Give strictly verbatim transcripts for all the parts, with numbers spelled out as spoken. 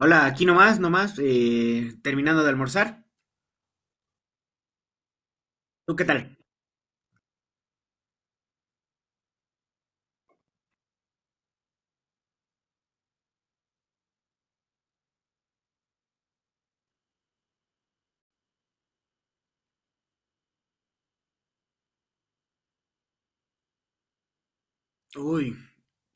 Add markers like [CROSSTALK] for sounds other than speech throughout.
Hola, aquí nomás, nomás, eh, terminando de almorzar. ¿Tú qué tal? Uy,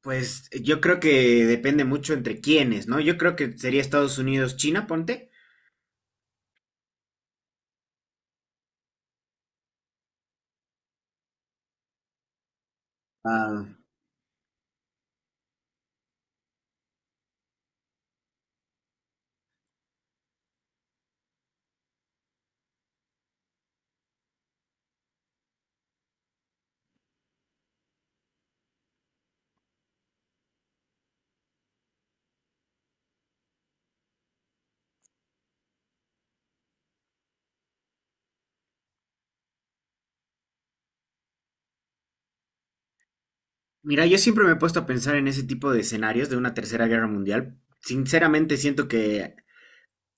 pues eh, yo creo que depende mucho entre quiénes, ¿no? Yo creo que sería Estados Unidos, China, ponte. Ah, mira, yo siempre me he puesto a pensar en ese tipo de escenarios de una tercera guerra mundial. Sinceramente siento que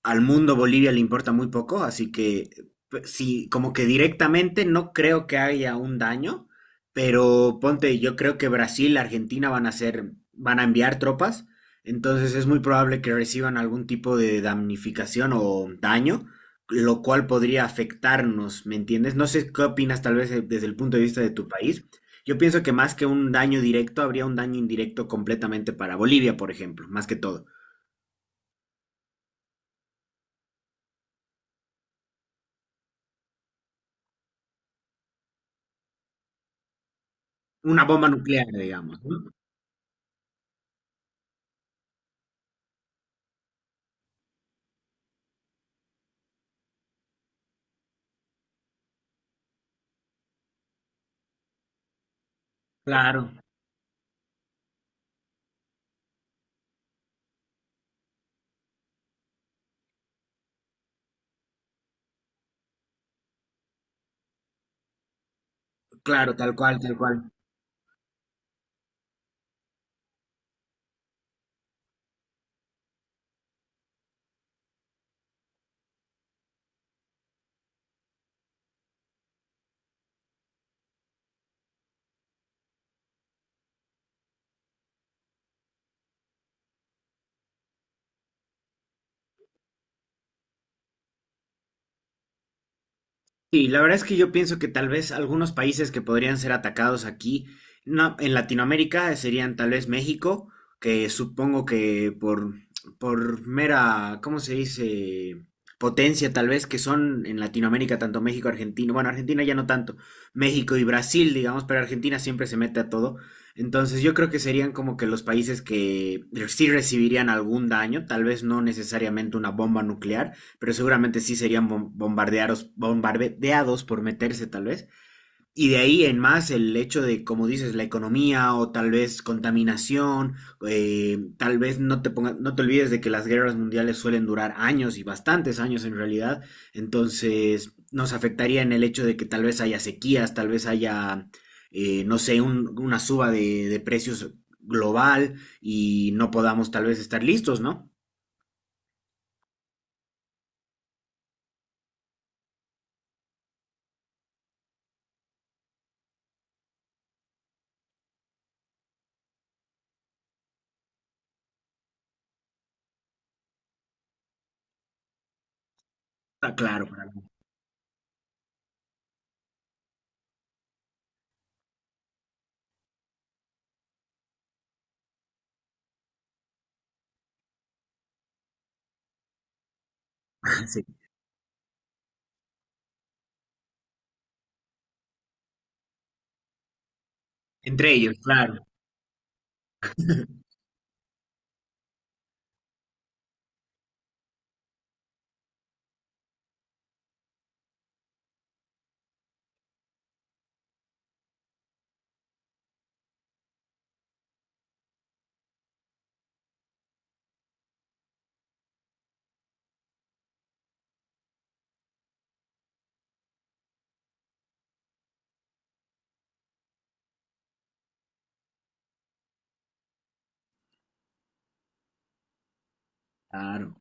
al mundo Bolivia le importa muy poco, así que p- sí, como que directamente no creo que haya un daño, pero ponte, yo creo que Brasil, Argentina van a hacer, van a enviar tropas, entonces es muy probable que reciban algún tipo de damnificación o daño, lo cual podría afectarnos, ¿me entiendes? No sé qué opinas tal vez eh, desde el punto de vista de tu país. Yo pienso que más que un daño directo, habría un daño indirecto completamente para Bolivia, por ejemplo, más que todo. Una bomba nuclear, digamos, ¿no? Claro, claro, tal cual, tal cual. Sí, la verdad es que yo pienso que tal vez algunos países que podrían ser atacados aquí, no, en Latinoamérica eh, serían tal vez México, que supongo que por, por mera, ¿cómo se dice? Potencia tal vez que son en Latinoamérica tanto México, Argentina, bueno, Argentina ya no tanto, México y Brasil, digamos, pero Argentina siempre se mete a todo. Entonces yo creo que serían como que los países que sí recibirían algún daño, tal vez no necesariamente una bomba nuclear, pero seguramente sí serían bom- bombardeados, bombardeados por meterse tal vez. Y de ahí en más el hecho de, como dices, la economía o tal vez contaminación, eh, tal vez no te, ponga, no te olvides de que las guerras mundiales suelen durar años y bastantes años en realidad, entonces nos afectaría en el hecho de que tal vez haya sequías, tal vez haya, eh, no sé, un, una suba de, de precios global y no podamos tal vez estar listos, ¿no? Está claro, para... [LAUGHS] sí. Entre ellos, claro. Claro.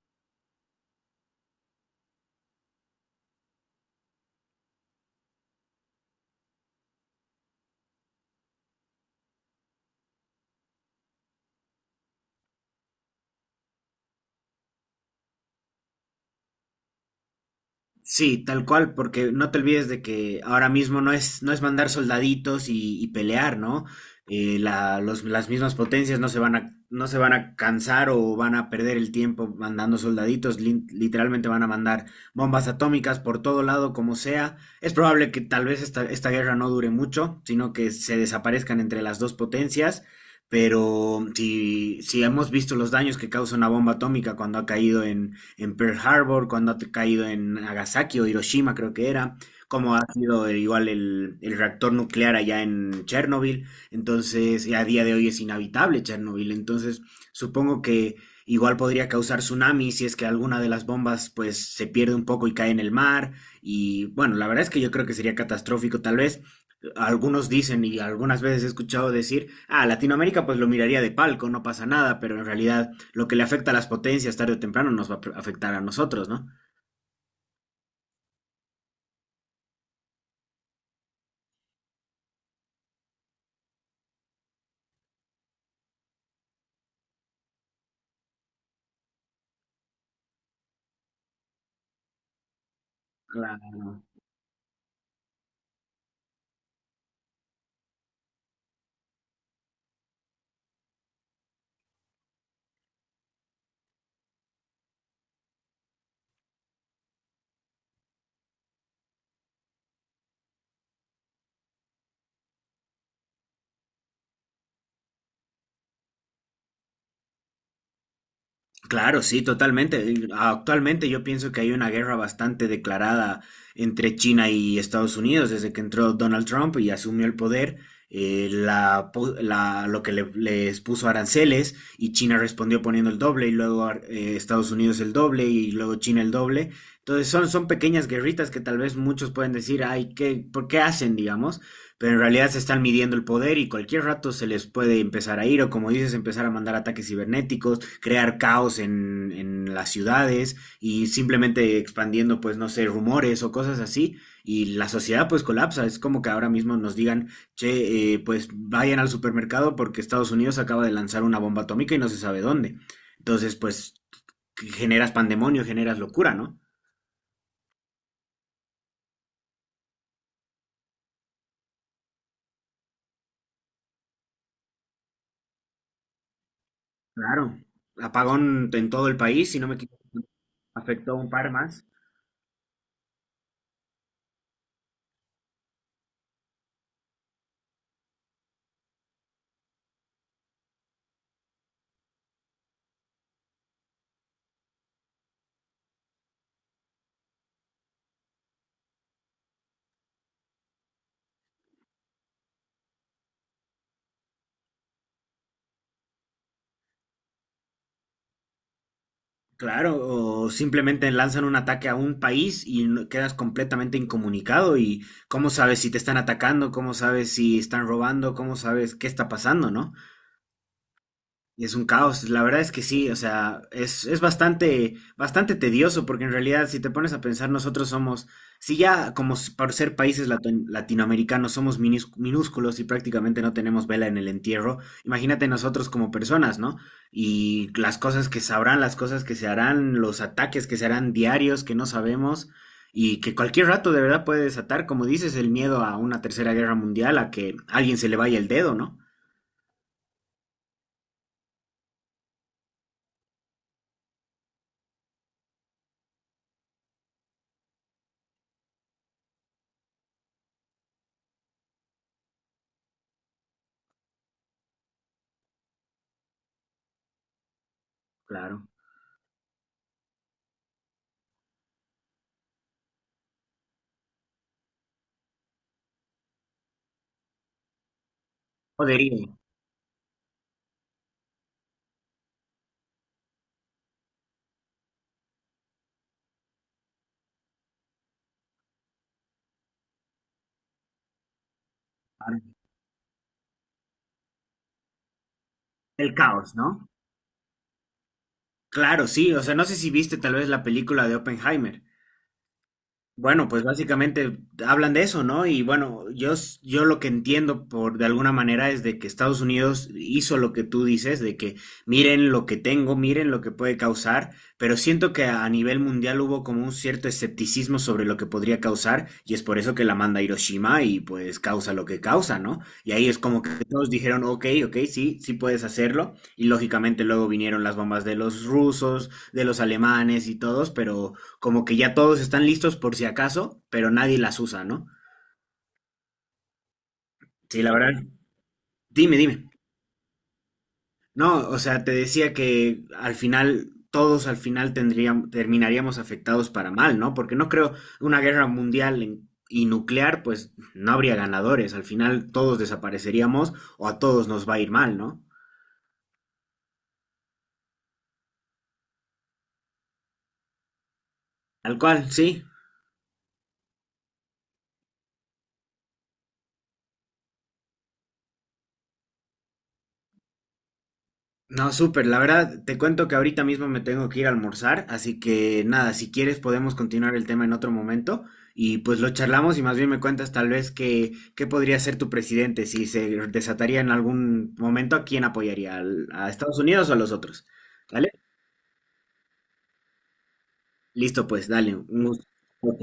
Sí, tal cual, porque no te olvides de que ahora mismo no es, no es mandar soldaditos y, y pelear, ¿no? Eh, la- los- las mismas potencias no se van a, no se van a cansar o van a perder el tiempo mandando soldaditos, lin- literalmente van a mandar bombas atómicas por todo lado, como sea. Es probable que tal vez esta, esta guerra no dure mucho, sino que se desaparezcan entre las dos potencias, pero si, si hemos visto los daños que causa una bomba atómica cuando ha caído en Pearl Harbor, cuando ha caído en Nagasaki o Hiroshima, creo que era, como ha sido el- igual el, el reactor nuclear allá en Chernobyl. Entonces, y a día de hoy es inhabitable Chernobyl. Entonces, supongo que igual podría causar tsunami si es que alguna de las bombas pues se pierde un poco y cae en el mar. Y bueno, la verdad es que yo creo que sería catastrófico tal vez. Algunos dicen y algunas veces he escuchado decir, ah, Latinoamérica pues lo miraría de palco, no pasa nada, pero en realidad lo que le afecta a las potencias tarde o temprano nos va a pre- afectar a nosotros, ¿no? Claro, sí, totalmente. Actualmente yo pienso que hay una guerra bastante declarada entre China y Estados Unidos desde que entró Donald Trump y asumió el poder. eh, la, pu- la- lo que le- les puso aranceles y China respondió poniendo el doble y luego ar- eh, Estados Unidos el doble y luego China el doble. Entonces son, son pequeñas guerritas que tal vez muchos pueden decir, ay, ¿qué, por qué hacen, digamos? Pero en realidad se están midiendo el poder y cualquier rato se les puede empezar a ir o como dices, empezar a mandar ataques cibernéticos, crear caos en, en las ciudades y simplemente expandiendo, pues, no sé, rumores o cosas así. Y la sociedad pues colapsa. Es como que ahora mismo nos digan, che, eh, pues vayan al supermercado porque Estados Unidos acaba de lanzar una bomba atómica y no se sabe dónde. Entonces, pues, generas pandemonio, generas locura, ¿no? Claro. Apagón en todo el país, si no me equivoco, afectó a un par más. Claro, o simplemente lanzan un ataque a un país y no- quedas completamente incomunicado y cómo sabes si te están atacando, cómo sabes si están robando, cómo sabes qué está pasando, ¿no? Es un caos, la verdad es que sí, o sea, es, es bastante, bastante tedioso porque en realidad si te pones a pensar nosotros somos, si ya como s- por ser países latin- latinoamericanos somos minis- minúsculos y prácticamente no tenemos vela en el entierro, imagínate nosotros como personas, ¿no? Y las cosas que sabrán, las cosas que se harán, los ataques que se harán diarios que no sabemos y que cualquier rato de verdad puede desatar, como dices, el miedo a una tercera guerra mundial, a que a alguien se le vaya el dedo, ¿no? Claro. Podería. Del caos, ¿no? Claro, sí, o sea, no sé si viste tal vez la película de Oppenheimer. Bueno, pues básicamente hablan de eso, ¿no? Y bueno, yo, s- yo lo que entiendo por de alguna manera es de que Estados Unidos hizo lo que tú dices, de que miren lo que tengo, miren lo que puede causar, pero siento que a nivel mundial hubo como un cierto escepticismo sobre lo que podría causar, y es por eso que la manda a Hiroshima y pues causa lo que causa, ¿no? Y ahí es como que todos dijeron, ok, ok, sí, sí puedes hacerlo, y lógicamente luego vinieron las bombas de los rusos, de los alemanes y todos, pero como que ya todos están listos por si acaso, pero nadie las usa, ¿no? Sí, la verdad. Dime, dime. No, o sea, te decía que al final, todos al final tendríamos, terminaríamos afectados para mal, ¿no? Porque no creo una guerra mundial en- y nuclear, pues no habría ganadores. Al final todos desapareceríamos o a todos nos va a ir mal, ¿no? Tal cual, sí. No, súper. La verdad, te cuento que ahorita mismo me tengo que ir a almorzar, así que nada, si quieres podemos continuar el tema en otro momento y pues lo charlamos y más bien me cuentas tal vez que, qué podría ser tu presidente, si se desataría en algún momento, ¿a quién apoyaría? ¿Al- ¿A Estados Unidos o a los otros? ¿Vale? Listo, pues, dale, un gusto. Ok,